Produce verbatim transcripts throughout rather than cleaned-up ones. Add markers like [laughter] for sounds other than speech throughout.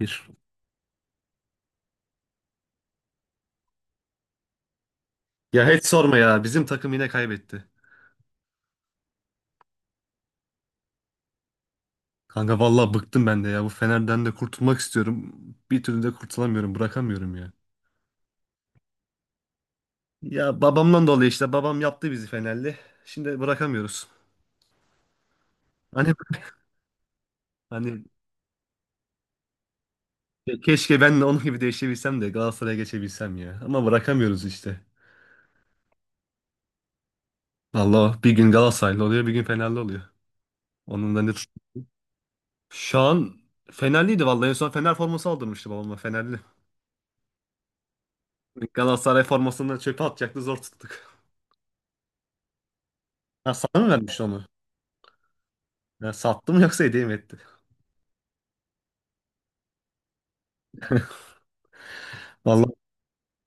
Bir. Ya hiç sorma ya. Bizim takım yine kaybetti. Kanka vallahi bıktım ben de ya. Bu Fener'den de kurtulmak istiyorum. Bir türlü de kurtulamıyorum. Bırakamıyorum ya. Ya babamdan dolayı işte. Babam yaptı bizi Fenerli. Şimdi bırakamıyoruz. Hani [laughs] hani keşke ben de onun gibi değişebilsem de Galatasaray'a geçebilsem ya. Ama bırakamıyoruz işte. Vallahi bir gün Galatasaraylı oluyor, bir gün Fenerli oluyor. Onun da ne tut- Şu an Fenerliydi vallahi. En son Fener forması aldırmıştı babama Fenerli. Galatasaray formasını çöpe atacaktı zor tuttuk. Ha sana mı vermiş onu? Ben sattım yoksa hediye mi etti? Vallahi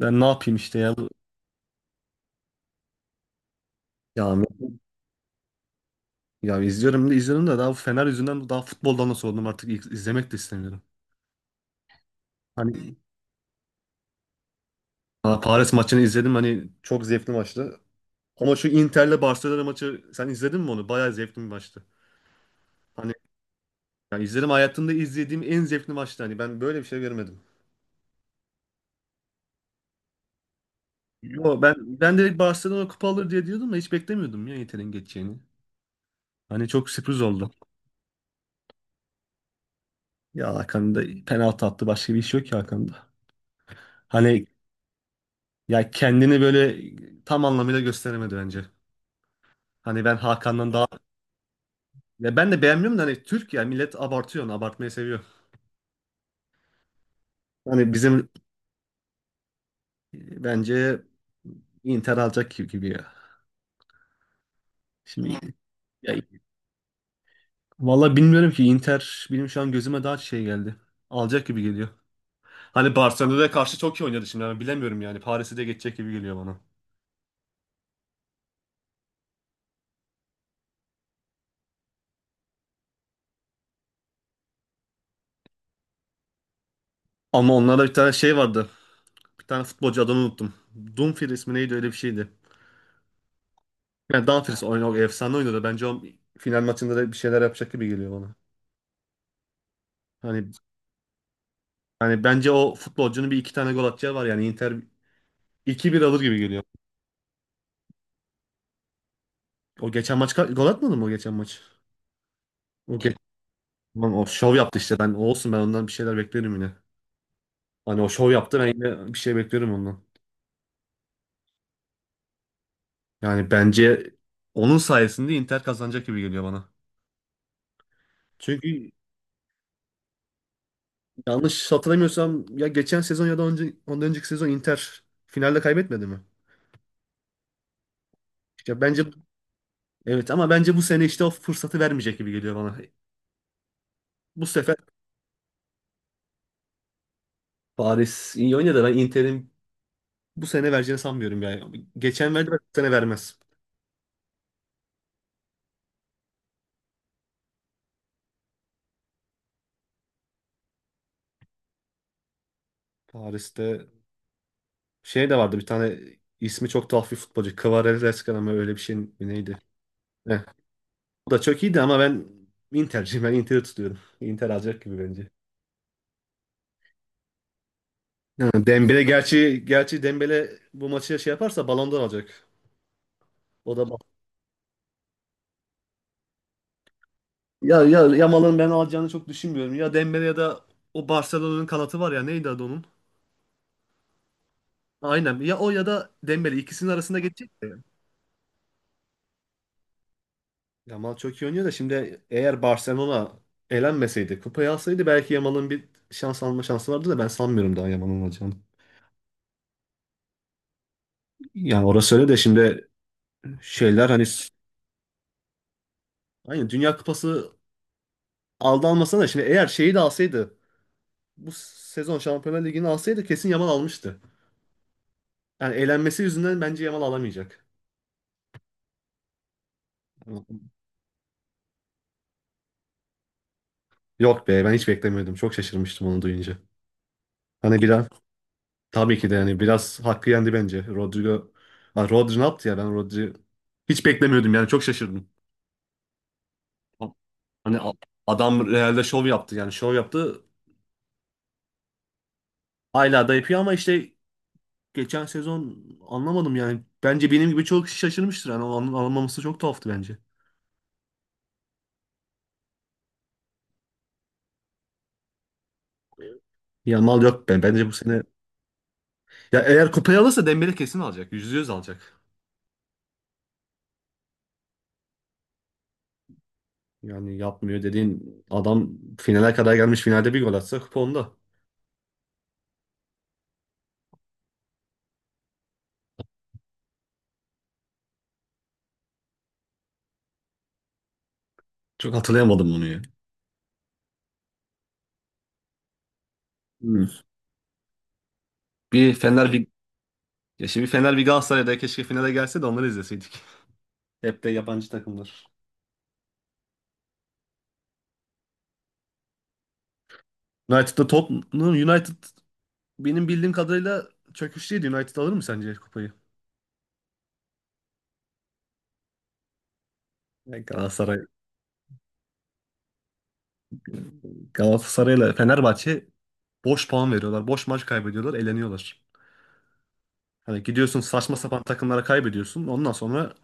ben ne yapayım işte ya. bu- Ya, ya izliyorum da izliyorum da daha bu Fener yüzünden daha futboldan da soğudum artık iz- izlemek de istemiyorum. Hani ha, Paris maçını izledim hani çok zevkli maçtı. Ama şu Inter'le Barcelona maçı sen izledin mi onu? Bayağı zevkli bir maçtı. Hani ya izledim hayatımda izlediğim en zevkli maçtı. Hani ben böyle bir şey görmedim. Yo ben ben direkt Barcelona kupa alır diye diyordum da hiç beklemiyordum ya Inter'in geçeceğini. Hani çok sürpriz oldu. Ya Hakan da penaltı attı başka bir iş yok ya Hakan'da. Hani ya kendini böyle tam anlamıyla gösteremedi bence. Hani ben Hakan'dan daha ya ben de beğenmiyorum da hani Türk ya millet abartıyor, onu abartmayı seviyor. Hani bizim bence Inter alacak gibi gibi ya. Şimdi ya, vallahi bilmiyorum ki Inter benim şu an gözüme daha şey geldi. Alacak gibi geliyor. Hani Barcelona'ya karşı çok iyi oynadı şimdi ama bilemiyorum yani Paris'i de geçecek gibi geliyor bana. Ama onlarda bir tane şey vardı. Bir tane futbolcu adını unuttum. Dumfries mi neydi öyle bir şeydi. Yani Dumfries oynadı, efsane oynadı. Bence o final maçında da bir şeyler yapacak gibi geliyor bana. Hani hani bence o futbolcunun bir iki tane gol atacağı var yani Inter iki bir alır gibi geliyor. O geçen maç ka- gol atmadı mı o geçen maç? O ge Lan o şov yaptı işte ben olsun ben ondan bir şeyler beklerim yine. Hani o şov yaptı ben yine bir şey beklerim ondan. Yani bence onun sayesinde Inter kazanacak gibi geliyor bana. Çünkü yanlış hatırlamıyorsam ya geçen sezon ya da önce, ondan önceki sezon Inter finalde kaybetmedi mi? İşte bence evet ama bence bu sene işte o fırsatı vermeyecek gibi geliyor bana. Bu sefer Paris iyi oynadı. Ben Inter'in bu sene vereceğini sanmıyorum yani. Geçen verdi, bu sene vermez. Paris'te şey de vardı bir tane ismi çok tuhaf bir futbolcu. Kvaratskhelia mı öyle bir şey mi neydi? Heh. O da çok iyiydi ama ben Inter'ciyim. Ben Inter'i tutuyorum. Inter alacak gibi bence. Ha, Dembele gerçi gerçi Dembele bu maçı şey yaparsa Ballon d'Or alacak. O da ya ya Yamal'ın ben alacağını çok düşünmüyorum. Ya Dembele ya da o Barcelona'nın kanatı var ya neydi adı onun? Aynen. Ya o ya da Dembele ikisinin arasında geçecek de. Yamal çok iyi oynuyor da şimdi eğer Barcelona elenmeseydi, kupayı alsaydı belki Yamal'ın bir şans alma şansı vardı da ben sanmıyorum daha Yamal'ın alacağını. Yani orası öyle de şimdi şeyler hani aynı Dünya Kupası aldı almasa da şimdi eğer şeyi de alsaydı bu sezon Şampiyonlar Ligi'ni alsaydı kesin Yamal almıştı. Yani eğlenmesi yüzünden bence Yamal alamayacak. Yok be ben hiç beklemiyordum. Çok şaşırmıştım onu duyunca. Hani bir an tabii ki de yani biraz hakkı yendi bence. Rodrigo ha, Rodri ne yaptı ya ben Rodri hiç beklemiyordum yani çok şaşırdım. Hani a- adam Real'de şov yaptı yani şov yaptı. Hala da yapıyor ama işte geçen sezon anlamadım yani. Bence benim gibi çok kişi şaşırmıştır. Yani onun alınmaması çok tuhaftı bence. Yamal yok ben. Bence bu sene ya eğer kupayı alırsa Dembele kesin alacak. Yüzde yüz alacak. Yani yapmıyor dediğin adam finale kadar gelmiş. Finalde bir gol atsa kupa onda. Çok hatırlayamadım onu ya. Hmm. Bir Fener bir ya şimdi bir Fener bir Galatasaray'da keşke finale gelse de onları izleseydik. [laughs] Hep de yabancı takımlar. United'da Tottenham United benim bildiğim kadarıyla çöküşteydi. United alır mı sence kupayı? Ya Galatasaray Galatasaray'la Fenerbahçe boş puan veriyorlar. Boş maç kaybediyorlar, eleniyorlar. Hani gidiyorsun saçma sapan takımlara kaybediyorsun. Ondan sonra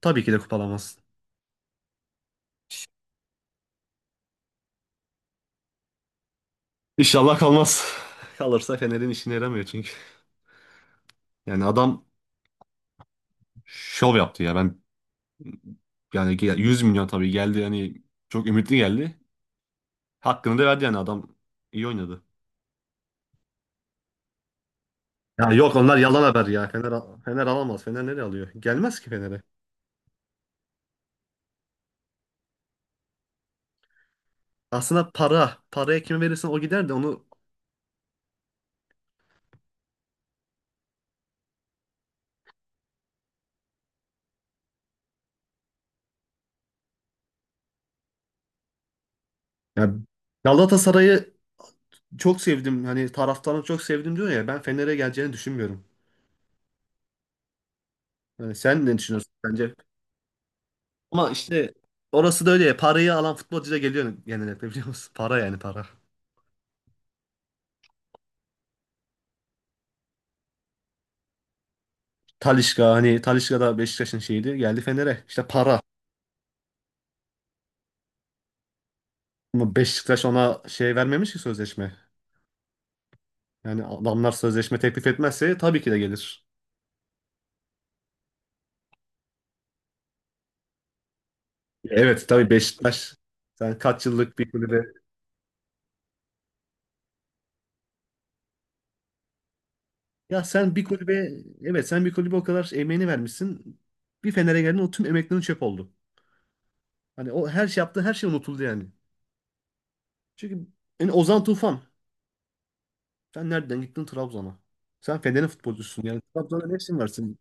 tabii ki de kupalamazsın. İnşallah kalmaz. [laughs] Kalırsa Fener'in işine yaramıyor çünkü. Yani adam şov yaptı ya. Ben yani gel- 100 milyon tabii geldi yani çok ümitli geldi. Hakkını da verdi yani adam iyi oynadı. Ya yok onlar yalan haber ya. Fener, al- Fener alamaz. Fener nereye alıyor? Gelmez ki Fener'e. Aslında para. Paraya kime verirsen o gider de onu... Ya Galatasaray'ı çok sevdim. Hani taraftarını çok sevdim diyor ya. Ben Fener'e geleceğini düşünmüyorum. Hani sen ne düşünüyorsun bence? Ama işte orası da öyle ya. Parayı alan futbolcu da geliyor genellikle biliyor musun? Para yani para. Talisca hani Talisca da Beşiktaş'ın şeyiydi. Geldi Fener'e. İşte para. Ama Beşiktaş ona şey vermemiş ki sözleşme. Yani adamlar sözleşme teklif etmezse tabii ki de gelir. Evet tabii Beşiktaş sen kaç yıllık bir kulübe. Ya sen bir kulübe evet sen bir kulübe o kadar emeğini vermişsin. Bir Fener'e geldin o tüm emeklerin çöp oldu. Hani o her şey yaptığı her şey unutuldu yani. Çünkü yani Ozan Tufan sen nereden gittin Trabzon'a? Sen Fener'in futbolcusun yani Trabzon'a ne işin var senin?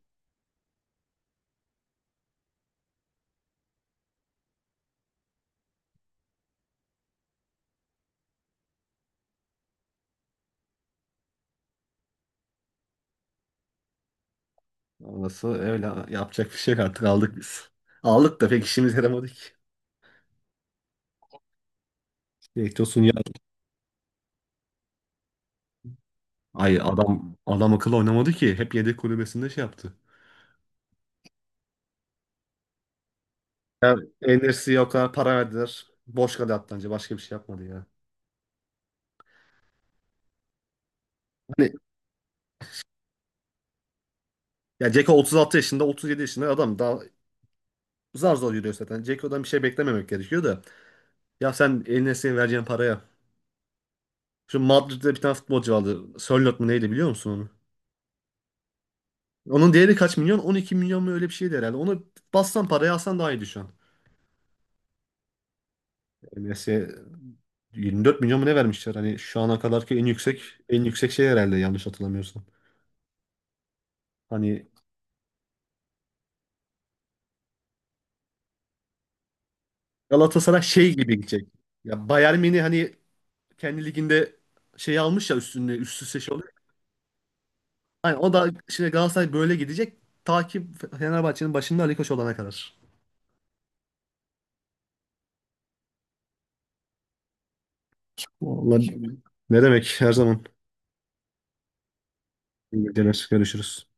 Orası öyle yapacak bir şey yok artık aldık biz. Aldık da pek işimize yaramadı ki. Bekliyorsun ya. Ay adam adam akıllı oynamadı ki. Hep yedek kulübesinde şey yaptı. Ya Enes'i o kadar para verdiler. Boş kaldı attı anca. Başka bir şey yapmadı ya. Hani ya Ceko otuz altı yaşında, otuz yedi yaşında adam daha zar zor yürüyor zaten. Dzeko'dan bir şey beklememek gerekiyor da. Ya sen Enes'e vereceğin paraya. Şu Madrid'de bir tane futbolcu vardı. Sörloth mu neydi biliyor musun onu? Onun değeri kaç milyon? On iki milyon mu öyle bir şeydi herhalde. Onu bassan paraya alsan daha iyiydi şu an. Enes'e yirmi dört milyon mu ne vermişler? Hani şu ana kadarki en yüksek en yüksek şey herhalde yanlış hatırlamıyorsam. Hani Galatasaray şey gibi gidecek. Ya Bayern Münih hani kendi liginde şey almış ya üstüne üst üste şey oluyor. Hani o da şimdi Galatasaray böyle gidecek. Takip Fenerbahçe'nin başında Ali Koç olana kadar. Vallahi ne demek her zaman. İyi geceler. Görüşürüz.